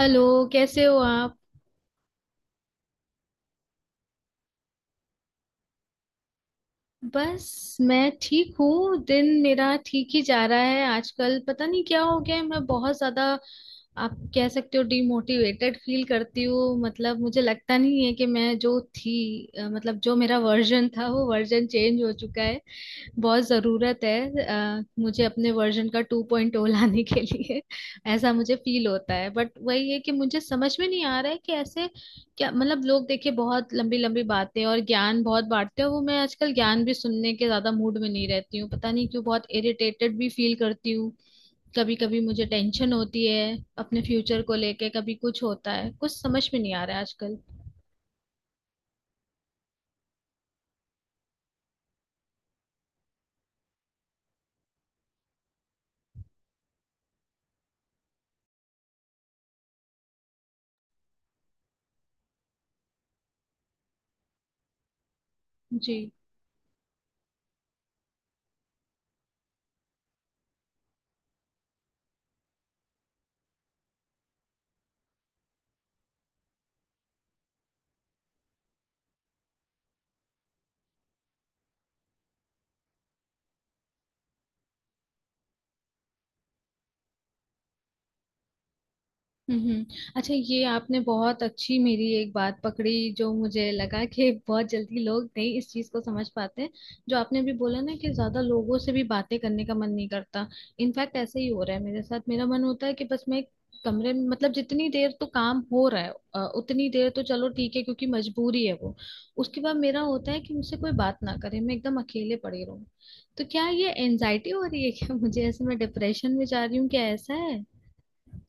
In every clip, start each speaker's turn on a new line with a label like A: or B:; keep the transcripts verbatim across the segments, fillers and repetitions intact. A: Hello. कैसे हो आप। बस मैं ठीक हूँ। दिन मेरा ठीक ही जा रहा है। आजकल पता नहीं क्या हो गया है, मैं बहुत ज्यादा आप कह सकते हो डिमोटिवेटेड फील करती हूँ। मतलब मुझे लगता नहीं है कि मैं जो थी अ, मतलब जो मेरा वर्जन था वो वर्जन चेंज हो चुका है। बहुत ज़रूरत है अ, मुझे अपने वर्जन का टू पॉइंट ओ लाने के लिए। ऐसा मुझे फील होता है बट वही है कि मुझे समझ में नहीं आ रहा है कि ऐसे क्या मतलब लोग। देखिए बहुत लंबी लंबी बातें और ज्ञान बहुत बांटते हैं। वो मैं आजकल ज्ञान भी सुनने के ज़्यादा मूड में नहीं रहती हूँ, पता नहीं क्यों। बहुत इरिटेटेड भी फील करती हूँ। कभी कभी मुझे टेंशन होती है अपने फ्यूचर को लेके। कभी कुछ होता है, कुछ समझ में नहीं आ रहा है आजकल। जी। हम्म। अच्छा, ये आपने बहुत अच्छी मेरी एक बात पकड़ी जो मुझे लगा कि बहुत जल्दी लोग नहीं इस चीज को समझ पाते हैं। जो आपने भी बोला ना कि ज्यादा लोगों से भी बातें करने का मन नहीं करता। इनफैक्ट ऐसा ही हो रहा है मेरे साथ। मेरा मन होता है कि बस मैं एक कमरे में, मतलब जितनी देर तो काम हो रहा है अ, उतनी देर तो चलो ठीक है क्योंकि मजबूरी है वो। उसके बाद मेरा होता है कि मुझसे कोई बात ना करे, मैं एकदम अकेले पड़ी रहूं। तो क्या ये एनजाइटी हो रही है क्या। मुझे ऐसे, मैं डिप्रेशन में जा रही हूँ क्या, ऐसा है।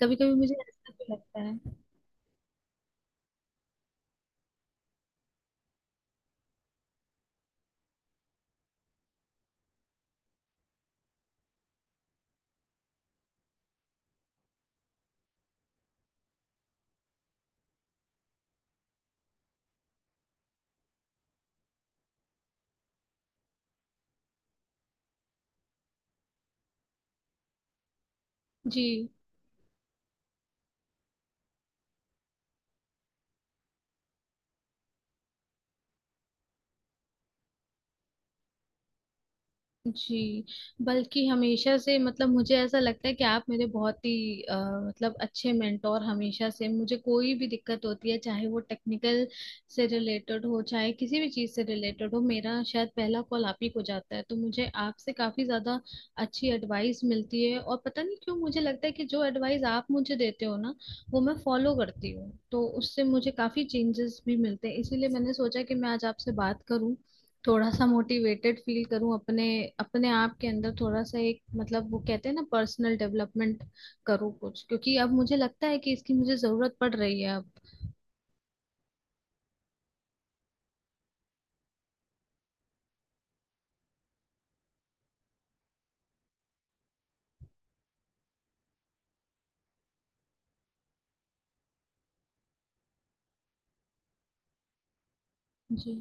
A: कभी कभी मुझे ऐसा भी लगता है। जी। जी, बल्कि हमेशा से, मतलब मुझे ऐसा लगता है कि आप मेरे बहुत ही अ, मतलब अच्छे मेंटोर। हमेशा से मुझे कोई भी दिक्कत होती है, चाहे वो टेक्निकल से रिलेटेड हो चाहे किसी भी चीज़ से रिलेटेड हो, मेरा शायद पहला कॉल आप ही को जाता है। तो मुझे आपसे काफ़ी ज़्यादा अच्छी एडवाइस मिलती है। और पता नहीं क्यों मुझे लगता है कि जो एडवाइस आप मुझे देते हो ना वो मैं फॉलो करती हूँ, तो उससे मुझे काफ़ी चेंजेस भी मिलते हैं। इसीलिए मैंने सोचा कि मैं आज आपसे बात करूँ, थोड़ा सा मोटिवेटेड फील करूं, अपने अपने आप के अंदर थोड़ा सा एक, मतलब वो कहते हैं ना पर्सनल डेवलपमेंट, करूं कुछ। क्योंकि अब मुझे लगता है कि इसकी मुझे जरूरत पड़ रही है अब। जी।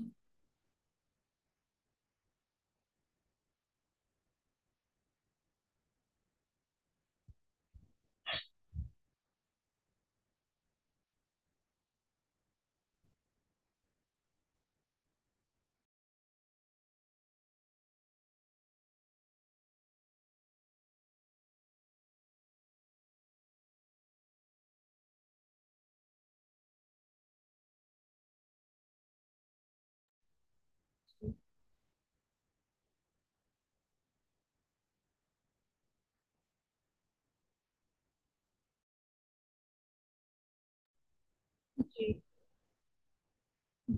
A: जी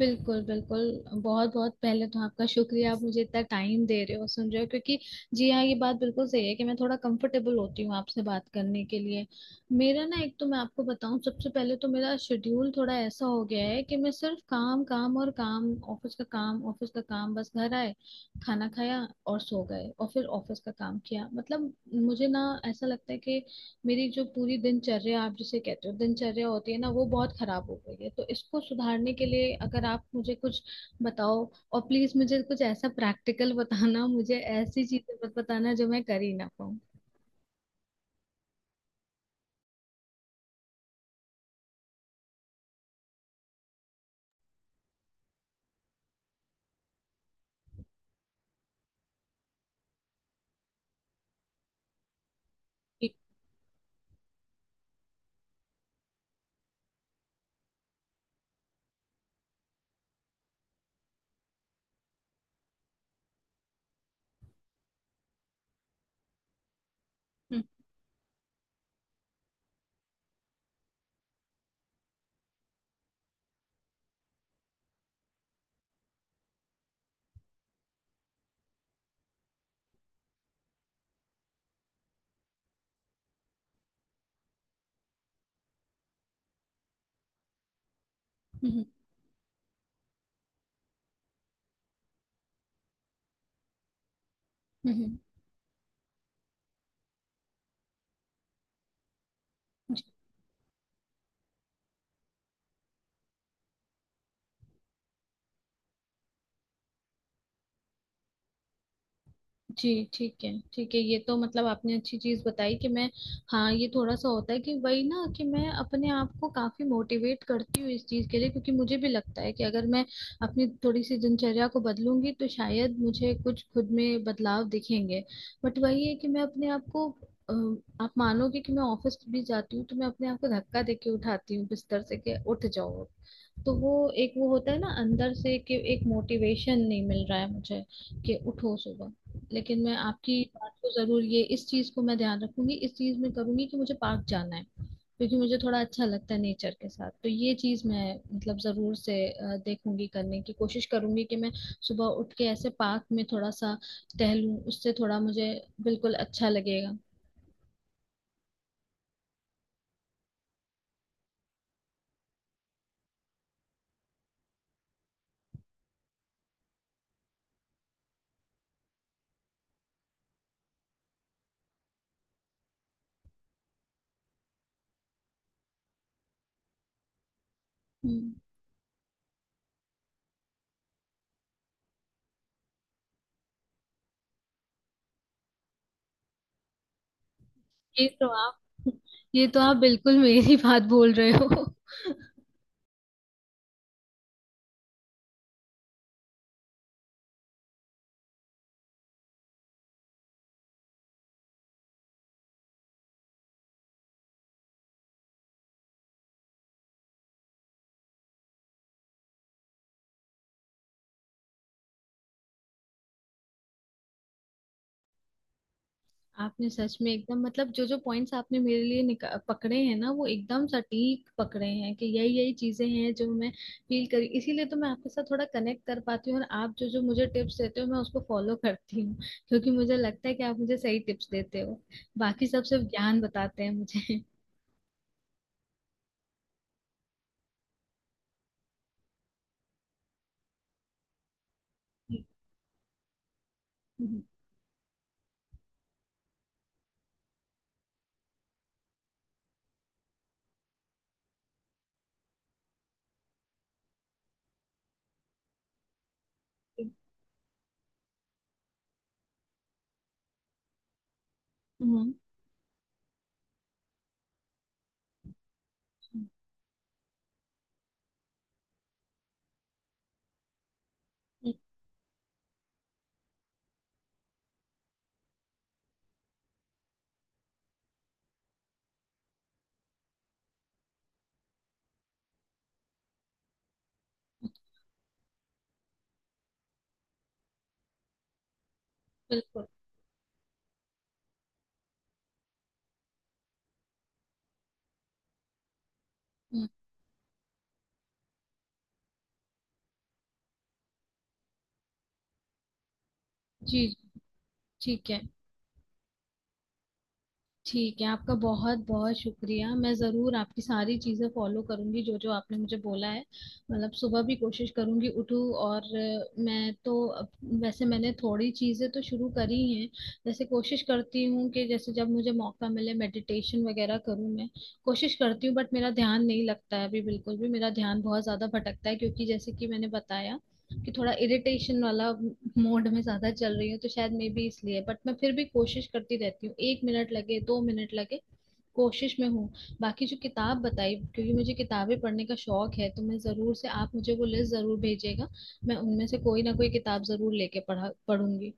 A: बिल्कुल बिल्कुल। बहुत बहुत पहले तो आपका शुक्रिया, आप मुझे इतना टाइम दे रहे हो, सुन रहे हो क्योंकि। जी हाँ, ये बात बिल्कुल सही है कि मैं थोड़ा कंफर्टेबल होती हूँ आपसे बात करने के लिए। मेरा ना एक तो मैं आपको बताऊँ, सबसे पहले तो मेरा शेड्यूल थोड़ा ऐसा हो गया है कि मैं सिर्फ काम काम और काम, ऑफिस का काम ऑफिस का काम, बस घर आए, खाना खाया और सो गए, और फिर ऑफिस का काम किया। मतलब मुझे ना ऐसा लगता है कि मेरी जो पूरी दिनचर्या, आप जिसे कहते हो दिनचर्या होती है ना, वो बहुत खराब हो गई है। तो इसको सुधारने के लिए अगर आप मुझे कुछ बताओ। और प्लीज मुझे कुछ ऐसा प्रैक्टिकल बताना, मुझे ऐसी चीजें मत बताना जो मैं कर ही ना पाऊँ। जी। हम्म। हम्म। हम्म। हम्म। जी ठीक है ठीक है। ये तो मतलब आपने अच्छी चीज़ बताई कि मैं, हाँ ये थोड़ा सा होता है कि वही ना कि मैं अपने आप को काफ़ी मोटिवेट करती हूँ इस चीज़ के लिए। क्योंकि मुझे भी लगता है कि अगर मैं अपनी थोड़ी सी दिनचर्या को बदलूंगी तो शायद मुझे कुछ खुद में बदलाव दिखेंगे। बट वही है कि मैं अपने आप को अ, आप मानोगे कि मैं ऑफिस भी जाती हूँ तो मैं अपने आप को धक्का देके उठाती हूँ बिस्तर से कि उठ जाओ। तो वो एक वो होता है ना अंदर से कि एक मोटिवेशन नहीं मिल रहा है मुझे कि उठो सुबह। लेकिन मैं आपकी बात को जरूर, ये इस चीज को मैं ध्यान रखूंगी, इस चीज में करूंगी कि मुझे पार्क जाना है, क्योंकि मुझे थोड़ा अच्छा लगता है नेचर के साथ। तो ये चीज मैं, मतलब जरूर से अ, देखूंगी करने की कोशिश करूंगी कि मैं सुबह उठ के ऐसे पार्क में थोड़ा सा टहलूं। उससे थोड़ा मुझे बिल्कुल अच्छा लगेगा। हम्म। ये तो आप, ये तो आप बिल्कुल मेरी बात बोल रहे हो। आपने सच में एकदम, मतलब जो जो पॉइंट्स आपने मेरे लिए निका- पकड़े हैं ना वो एकदम सटीक पकड़े हैं, कि यही यही चीजें हैं जो मैं फील करी। इसीलिए तो मैं आपके साथ थोड़ा कनेक्ट कर पाती हूँ, और आप जो जो मुझे टिप्स देते हो मैं उसको फॉलो करती हूँ क्योंकि मुझे लगता है कि आप मुझे सही टिप्स देते हो। बाकी सब सिर्फ ज्ञान बताते हैं मुझे। हम्म। हम्म। हम्म। बिल्कुल। हम्म। जी। जी, ठीक है। ठीक है, आपका बहुत बहुत शुक्रिया। मैं ज़रूर आपकी सारी चीज़ें फॉलो करूंगी जो जो आपने मुझे बोला है। मतलब सुबह भी कोशिश करूंगी उठूँ। और अ, मैं तो अब-, वैसे मैंने थोड़ी चीज़ें तो शुरू करी हैं, जैसे कोशिश करती हूँ कि जैसे जब मुझे मौका मिले मेडिटेशन वगैरह करूँ। मैं कोशिश करती हूँ बट मेरा ध्यान नहीं लगता है अभी बिल्कुल भी। मेरा ध्यान बहुत ज़्यादा भटकता है क्योंकि जैसे कि मैंने बताया कि थोड़ा इरिटेशन वाला मोड में ज्यादा चल रही हूँ, तो शायद मे बी इसलिए। बट मैं फिर भी कोशिश करती रहती हूँ, एक मिनट लगे दो मिनट लगे, कोशिश में हूँ। बाकी जो किताब बताई, क्योंकि मुझे किताबें पढ़ने का शौक है, तो मैं ज़रूर से, आप मुझे वो लिस्ट ज़रूर भेजिएगा। मैं उनमें से कोई ना कोई किताब ज़रूर लेके पढ़ा पढ़ूंगी।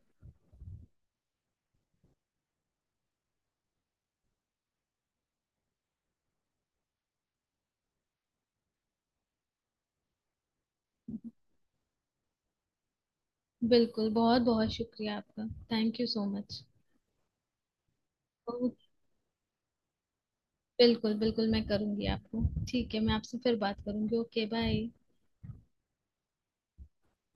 A: बिल्कुल, बहुत बहुत शुक्रिया आपका। Thank you so much. बिल्कुल बिल्कुल, मैं करूंगी आपको। ठीक है, मैं आपसे फिर बात करूंगी। Okay bye.